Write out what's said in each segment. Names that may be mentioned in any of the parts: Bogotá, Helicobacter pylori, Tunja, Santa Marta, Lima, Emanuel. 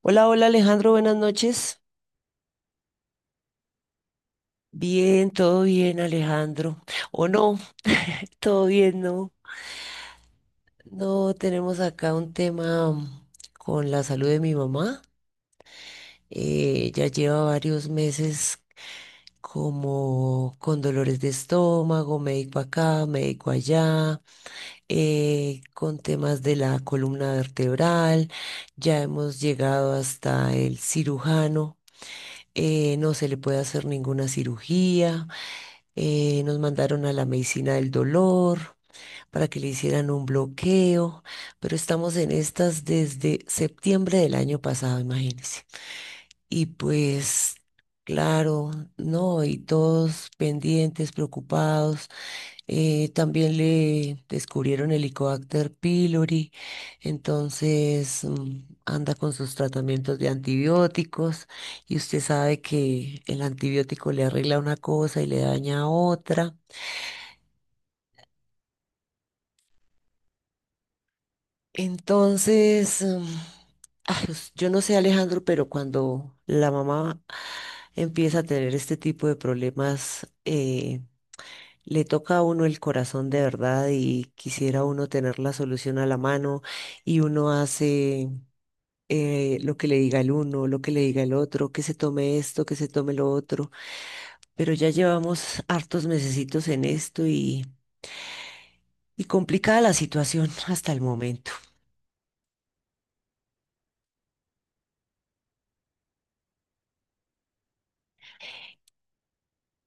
Hola, hola Alejandro, buenas noches. Bien, todo bien Alejandro. ¿O no? Todo bien, ¿no? No, tenemos acá un tema con la salud de mi mamá. Ya lleva varios meses como con dolores de estómago, médico acá, médico allá, con temas de la columna vertebral. Ya hemos llegado hasta el cirujano. No se le puede hacer ninguna cirugía. Nos mandaron a la medicina del dolor para que le hicieran un bloqueo, pero estamos en estas desde septiembre del año pasado, imagínense. Y pues, claro, no, y todos pendientes, preocupados. También le descubrieron el Helicobacter pylori, entonces anda con sus tratamientos de antibióticos y usted sabe que el antibiótico le arregla una cosa y le daña otra. Entonces, ay, yo no sé, Alejandro, pero cuando la mamá empieza a tener este tipo de problemas, le toca a uno el corazón de verdad y quisiera uno tener la solución a la mano y uno hace lo que le diga el uno, lo que le diga el otro, que se tome esto, que se tome lo otro. Pero ya llevamos hartos mesecitos en esto y complicada la situación hasta el momento.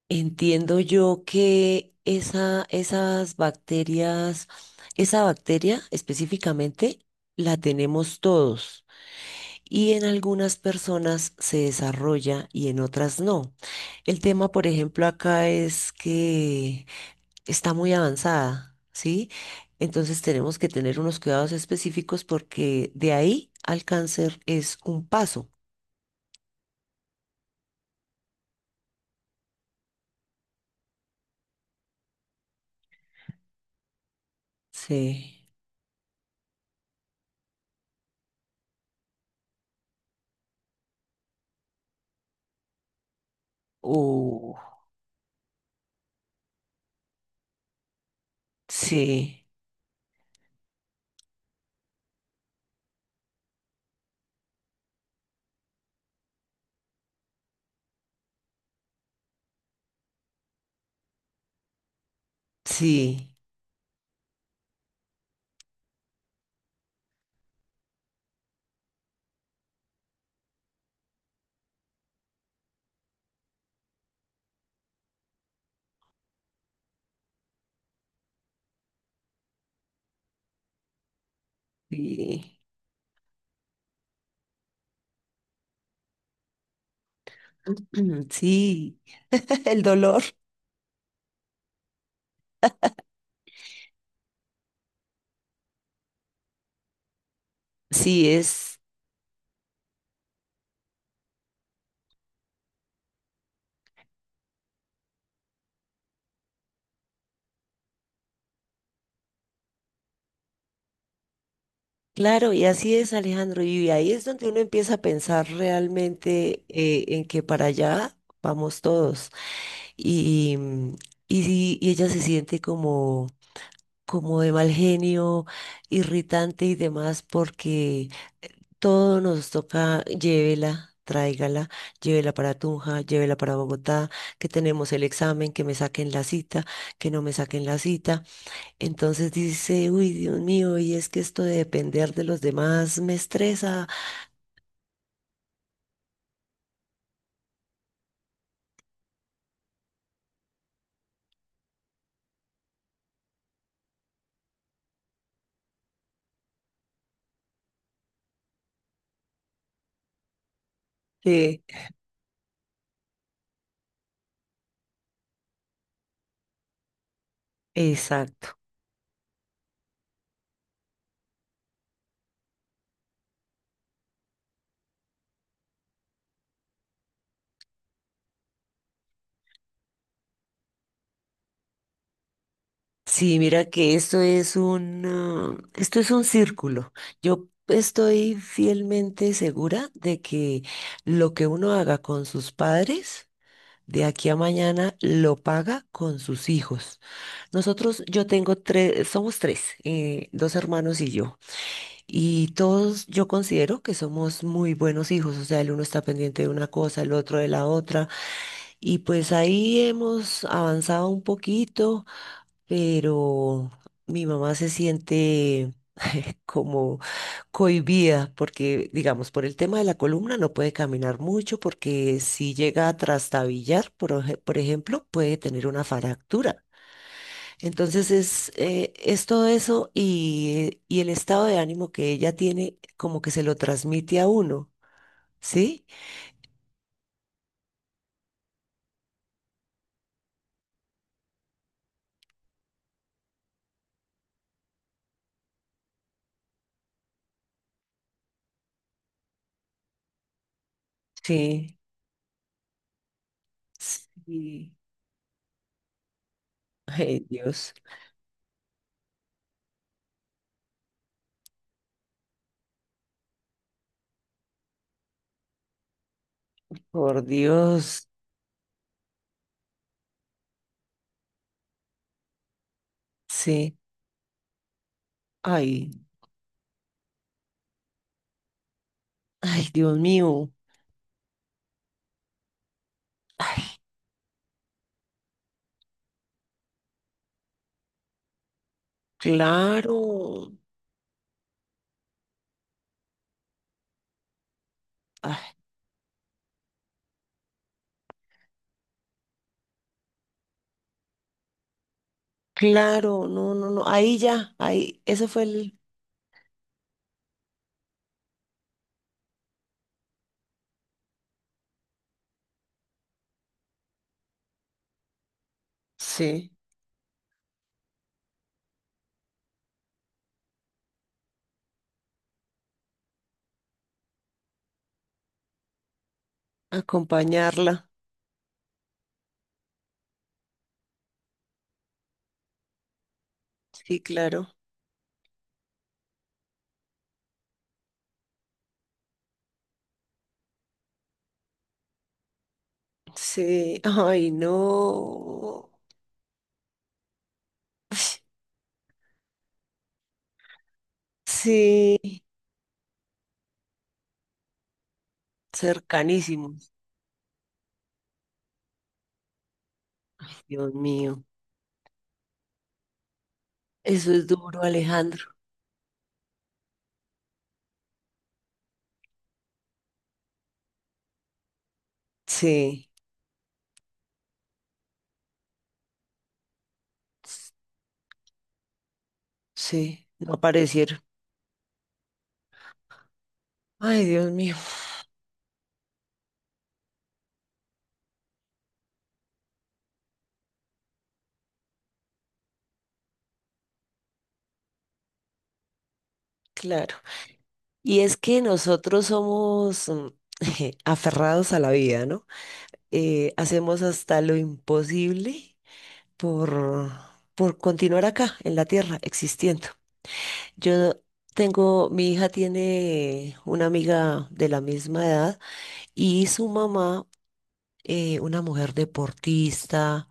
Entiendo yo que esas bacterias, esa bacteria específicamente, la tenemos todos y en algunas personas se desarrolla y en otras no. El tema, por ejemplo, acá es que está muy avanzada, ¿sí? Entonces tenemos que tener unos cuidados específicos porque de ahí al cáncer es un paso. Sí. Uh, sí, sí. Sí. Sí, el dolor. Sí, es claro, y así es, Alejandro. Y ahí es donde uno empieza a pensar realmente en que para allá vamos todos. Y, y, sí, y ella se siente como, como de mal genio, irritante y demás, porque todo nos toca, llévela, tráigala, llévela para Tunja, llévela para Bogotá, que tenemos el examen, que me saquen la cita, que no me saquen la cita. Entonces dice, uy, Dios mío, y es que esto de depender de los demás me estresa. Eh, exacto. Sí, mira que esto es un, ah, esto es un círculo. Yo estoy fielmente segura de que lo que uno haga con sus padres, de aquí a mañana lo paga con sus hijos. Nosotros, yo tengo tres, somos tres, dos hermanos y yo. Y todos yo considero que somos muy buenos hijos, o sea, el uno está pendiente de una cosa, el otro de la otra, y pues ahí hemos avanzado un poquito, pero mi mamá se siente como cohibida porque, digamos, por el tema de la columna no puede caminar mucho porque si llega a trastabillar, por, por ejemplo, puede tener una fractura. Entonces es todo eso y el estado de ánimo que ella tiene como que se lo transmite a uno, ¿sí? Sí, sí. Ay, Dios, por Dios, sí. Ay, ay, Dios mío. Ay, claro, ay, claro, no, no, no. Ahí ya, ahí, eso fue el, sí, acompañarla. Sí, claro. Sí, ay, no. Sí. Cercanísimos. Ay, Dios mío, eso es duro, Alejandro. Sí, sí, no aparecieron. Ay, Dios mío, claro. Y es que nosotros somos aferrados a la vida, ¿no? Hacemos hasta lo imposible por, por continuar acá, en la tierra, existiendo. Yo tengo, mi hija tiene una amiga de la misma edad y su mamá, una mujer deportista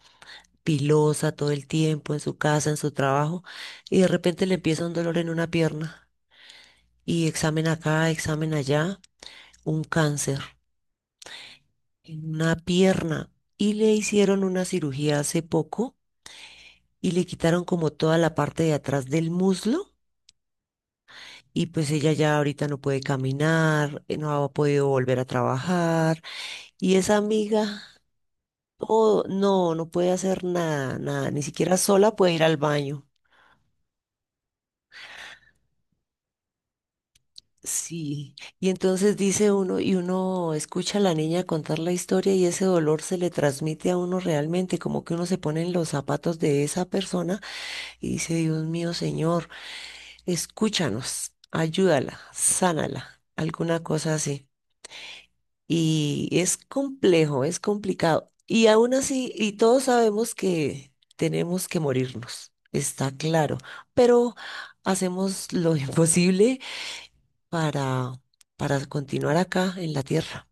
pilosa todo el tiempo, en su casa, en su trabajo, y de repente le empieza un dolor en una pierna, y examen acá, examen allá, un cáncer en una pierna, y le hicieron una cirugía hace poco, y le quitaron como toda la parte de atrás del muslo, y pues ella ya ahorita no puede caminar, no ha podido volver a trabajar, y esa amiga, oh, no, no puede hacer nada, nada, ni siquiera sola puede ir al baño. Sí, y entonces dice uno, y uno escucha a la niña contar la historia y ese dolor se le transmite a uno realmente, como que uno se pone en los zapatos de esa persona y dice, Dios mío, Señor, escúchanos, ayúdala, sánala, alguna cosa así. Y es complejo, es complicado. Y aún así, y todos sabemos que tenemos que morirnos, está claro, pero hacemos lo imposible para, para continuar acá en la tierra.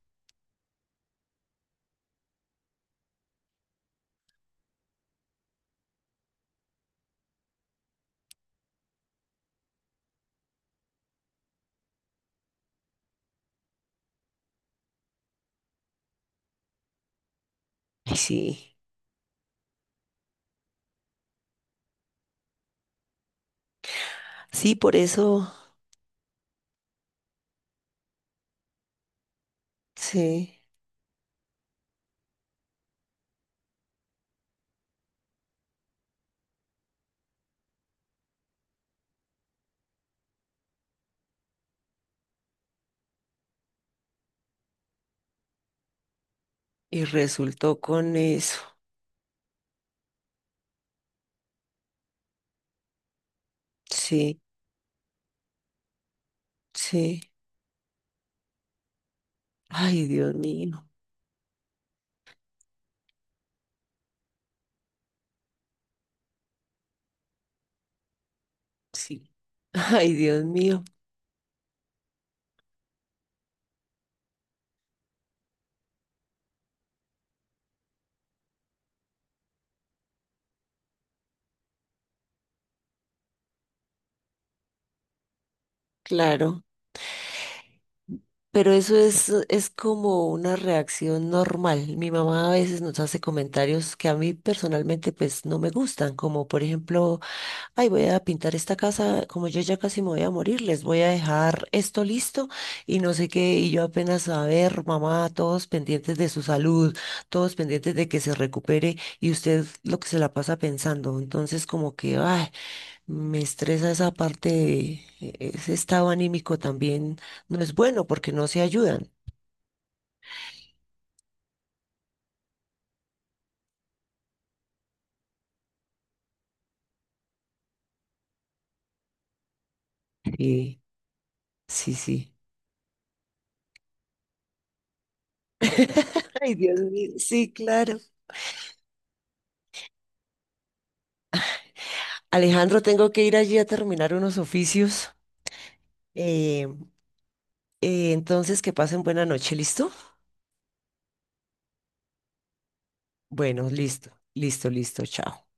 Y sí, sí, por eso, sí, y resultó con eso, sí, sí, ay, Dios mío, sí, ay, Dios mío, claro. Pero eso es como una reacción normal. Mi mamá a veces nos hace comentarios que a mí personalmente pues no me gustan, como por ejemplo, ay, voy a pintar esta casa, como yo ya casi me voy a morir, les voy a dejar esto listo y no sé qué, y yo apenas a ver, mamá, todos pendientes de su salud, todos pendientes de que se recupere y usted lo que se la pasa pensando, entonces como que, ay, me estresa esa parte ese estado anímico también no es bueno porque no se ayudan. Sí, sí, sí. Ay, Dios mío, sí, claro. Alejandro, tengo que ir allí a terminar unos oficios. Eh, entonces, que pasen buena noche, ¿listo? Bueno, listo, listo, listo, chao.